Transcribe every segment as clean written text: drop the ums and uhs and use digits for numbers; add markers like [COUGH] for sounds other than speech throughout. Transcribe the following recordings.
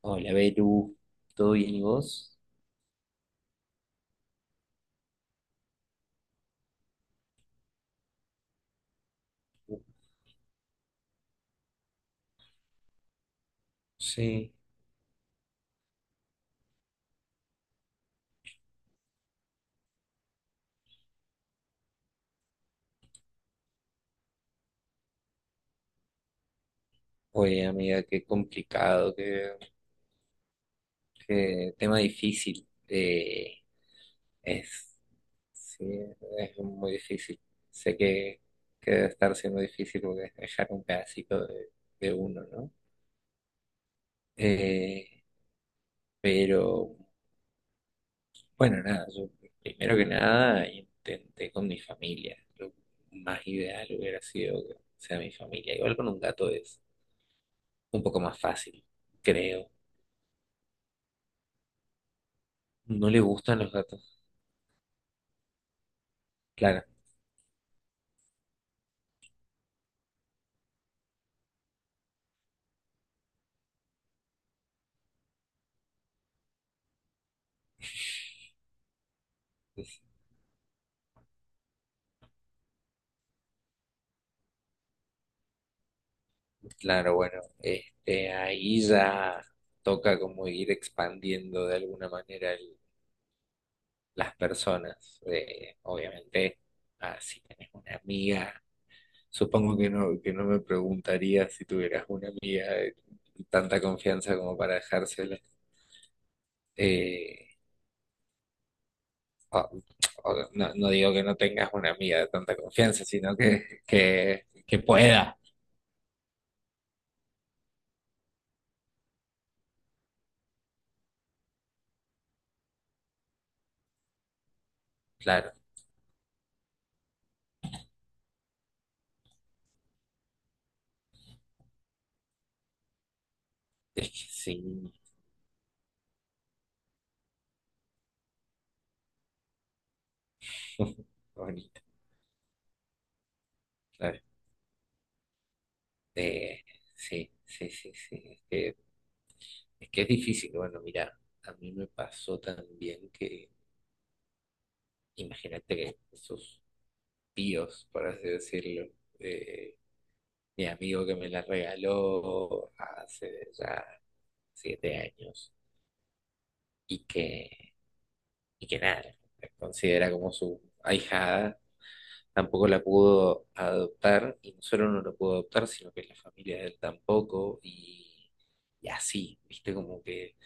Hola, Beru, ¿todo bien y vos? Sí. Oye, amiga, qué complicado, qué tema difícil. Es, sí, es muy difícil. Sé que, que debe estar siendo difícil porque es dejar un pedacito de uno, ¿no? Eh, pero, bueno, nada, yo primero que nada intenté con mi familia. Lo más ideal hubiera sido que sea mi familia. Igual con un gato es un poco más fácil, creo. No le gustan los gatos. Claro, es- claro, bueno, este, ahí ya toca como ir expandiendo de alguna manera las personas. Obviamente, si tenés una amiga, supongo que no me preguntaría si tuvieras una amiga de tanta confianza como para dejársela. Eh, o- o no, no digo que no tengas una amiga de tanta confianza, sino que pueda. Claro, es que sí. [LAUGHS] Claro. Eh, sí, sí, sí, sí. Es que es difícil. Bueno, mira, a mí me pasó también que, imagínate que esos tíos, por así decirlo, de mi amigo que me la regaló hace ya siete años y que, y que nada, la considera como su ahijada, tampoco la pudo adoptar y no solo no la pudo adoptar, sino que la familia de él tampoco y así, viste, como que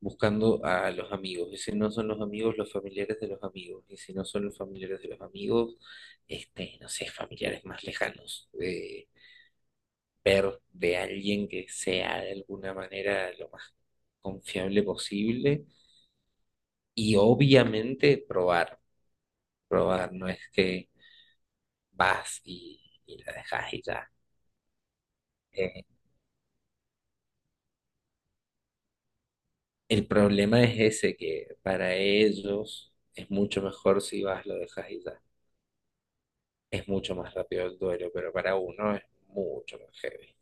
buscando a los amigos. Y si no son los amigos, los familiares de los amigos. Y si no son los familiares de los amigos, este, no sé, familiares más lejanos. Ver de alguien que sea de alguna manera lo más confiable posible. Y obviamente probar, no es que vas y, y la dejas y ya. Eh, el problema es ese, que para ellos es mucho mejor si vas, lo dejas y ya. Es mucho más rápido el duelo, pero para uno es mucho más heavy.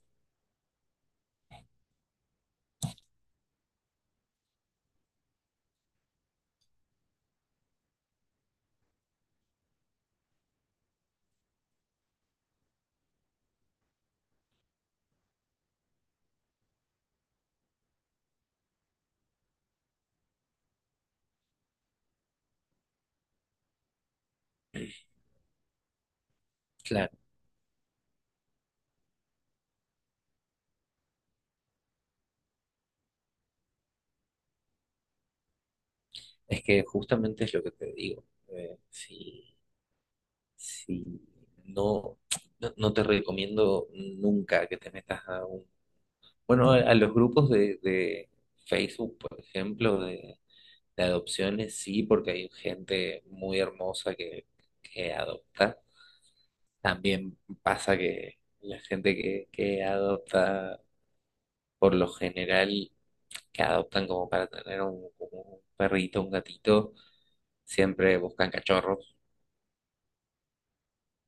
Claro, es que justamente es lo que te digo. Si, si no, no te recomiendo nunca que te metas a un... Bueno, a los grupos de Facebook, por ejemplo, de adopciones, sí, porque hay gente muy hermosa que adopta. También pasa que la gente que adopta, por lo general, que adoptan como para tener un, como un perrito, un gatito, siempre buscan cachorros.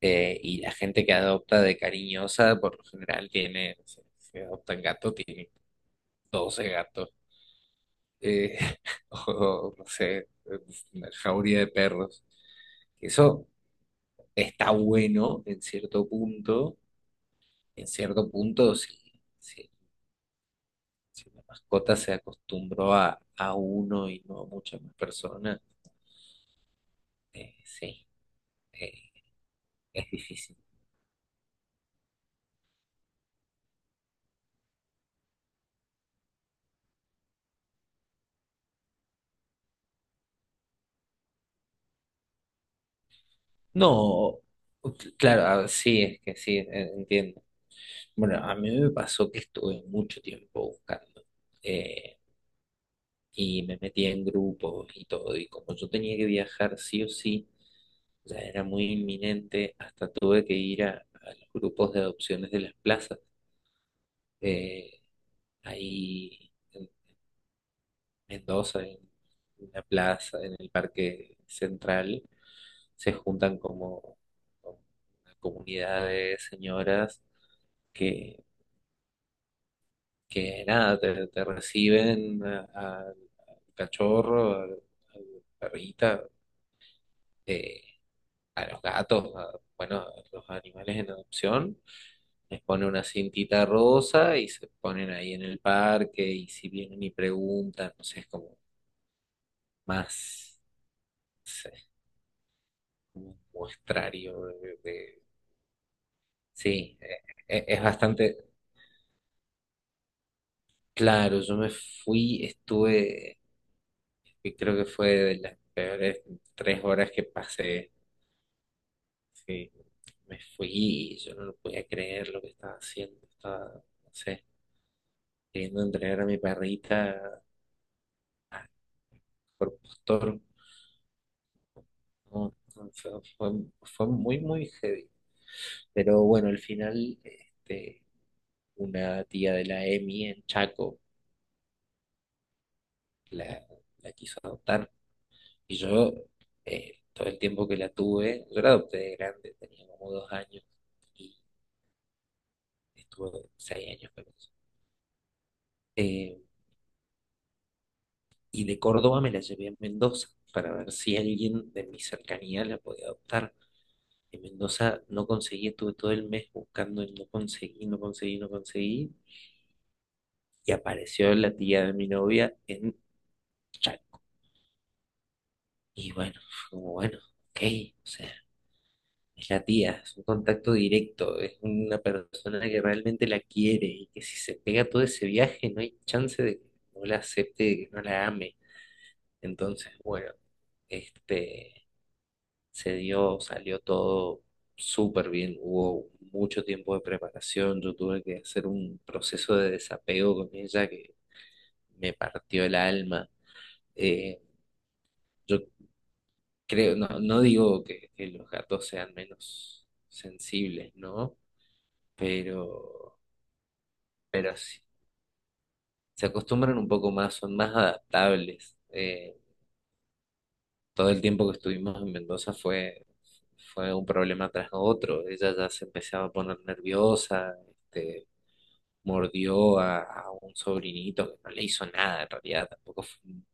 Y la gente que adopta de cariñosa, por lo general, tiene, no sé, si adoptan gato, tiene 12 gatos, eh, [LAUGHS] o no sé, una jauría de perros. Eso está bueno en cierto punto, si, si la mascota se acostumbró a uno y no a muchas más personas, eh, sí, eh, es difícil. No, ok, claro, sí, es que sí, entiendo. Bueno, a mí me pasó que estuve mucho tiempo buscando eh, y me metía en grupos y todo, y como yo tenía que viajar sí o sí, ya era muy inminente, hasta tuve que ir a los grupos de adopciones de las plazas, eh, ahí en Mendoza, en una plaza, en el Parque Central, se juntan como una comunidad de señoras que, que nada, te reciben al cachorro, a la perrita, eh, a los gatos, a- bueno, a los animales en adopción. Les pone una cintita rosa y se ponen ahí en el parque y si vienen y preguntan, no sé, es como más, no sé, como un muestrario Sí, es bastante claro. Yo me fui, estuve, y creo que fue de las peores tres horas que pasé. Sí, me fui, yo no lo podía creer lo que estaba haciendo, estaba, no sé, queriendo entregar a mi perrita por postor, no, no, fue- fue muy, muy heavy. Pero bueno, al final, este, una tía de la EMI en Chaco la, la quiso adoptar y yo, todo el tiempo que la tuve, yo la adopté de grande, tenía como dos años y estuve seis años con ella. Eh, y de Córdoba me la llevé a Mendoza para ver si alguien de mi cercanía la podía adoptar. En Mendoza no conseguí, estuve todo el mes buscando y no conseguí, no conseguí, no conseguí. Y apareció la tía de mi novia en Chaco. Y bueno, fue como bueno, ok, o sea, es la tía, es un contacto directo, es una persona que realmente la quiere y que si se pega todo ese viaje no hay chance de que no la acepte, de que no la ame. Entonces, bueno, este... se dio, salió todo súper bien, hubo mucho tiempo de preparación, yo tuve que hacer un proceso de desapego con ella que me partió el alma. Eh, yo creo, no, no digo que los gatos sean menos sensibles, ¿no? Pero, pero sí, se acostumbran un poco más, son más adaptables. Todo el tiempo que estuvimos en Mendoza fue... Fue un problema tras otro. Ella ya se empezaba a poner nerviosa, este, mordió a un sobrinito que no le hizo nada en realidad, tampoco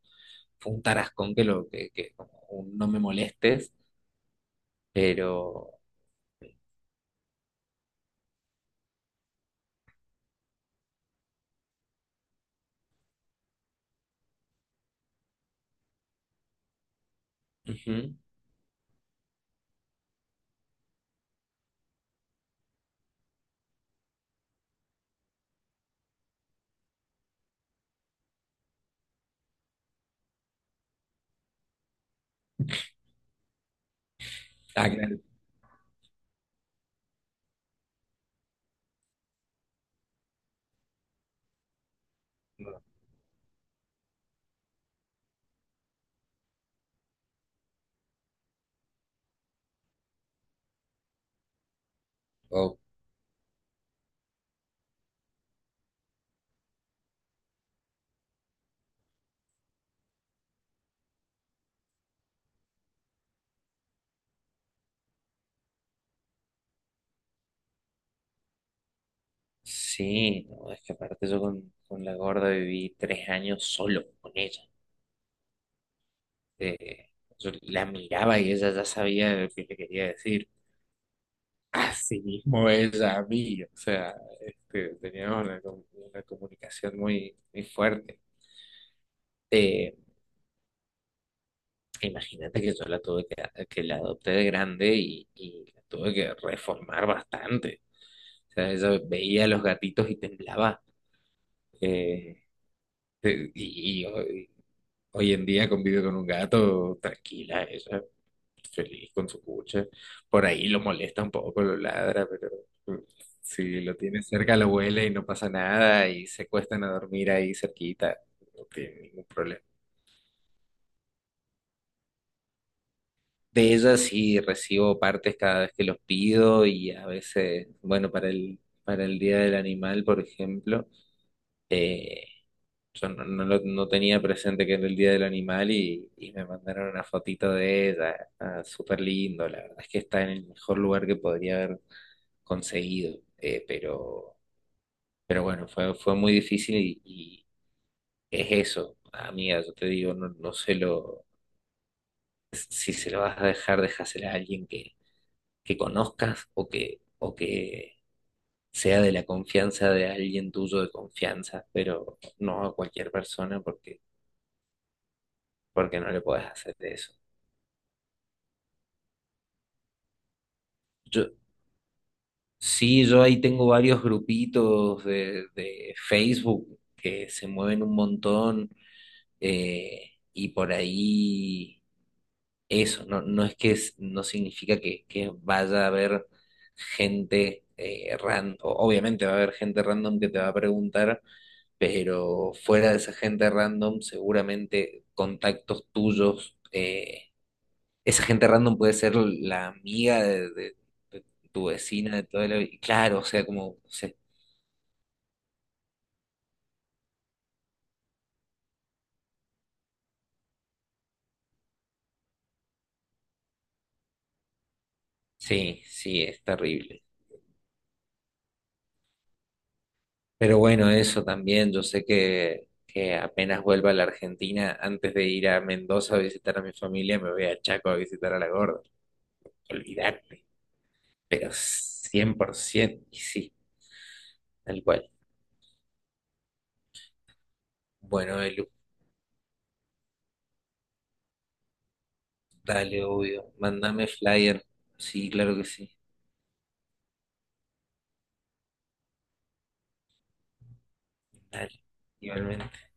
fue un tarascón que lo que como un no me molestes, pero ujú. Ah, claro. Oh, sí, no, es que aparte yo con la gorda viví tres años solo con ella. Eh, yo la miraba y ella ya sabía lo que le quería decir. Así mismo ella a mí, o sea, este, teníamos una, com- una comunicación muy, muy fuerte. Eh, Imagínate que yo la tuve que la adopté de grande y la tuve que reformar bastante. O sea, yo veía a los gatitos y temblaba. Eh, y hoy en día convive con un gato tranquila, ella, feliz con su cucha. Por ahí lo molesta un poco, lo ladra, pero eh, si lo tiene cerca lo huele y no pasa nada y se cuestan a dormir ahí cerquita. No tiene ningún problema. De ellas sí recibo partes cada vez que los pido y a veces, bueno, para el Día del Animal, por ejemplo, eh, yo no, no tenía presente que era el Día del Animal y me mandaron una fotito de ella, ah, súper lindo, la verdad es que está en el mejor lugar que podría haber conseguido, pero bueno, fue muy difícil y es eso, amiga, yo te digo, no, si se lo vas a dejar, déjasela a alguien que conozcas o o que sea de la confianza de alguien tuyo de confianza, pero no a cualquier persona porque no le puedes hacer eso. Yo, sí, yo ahí tengo varios grupitos de Facebook que se mueven un montón, y por ahí eso, no, no es que no significa que vaya a haber gente random, obviamente va a haber gente random que te va a preguntar, pero fuera de esa gente random, seguramente contactos tuyos, esa gente random puede ser la amiga de tu vecina de toda la vida. Claro, o sea, como, o sea, sí, sí, es terrible. Pero bueno, eso también, yo sé que apenas vuelva a la Argentina, antes de ir a Mendoza a visitar a mi familia, me voy a Chaco a visitar a la gorda. Olvidarte, pero 100%, y sí, tal cual. Bueno, Elu, dale, obvio, mándame flyer. Sí, claro que sí, dale, igualmente.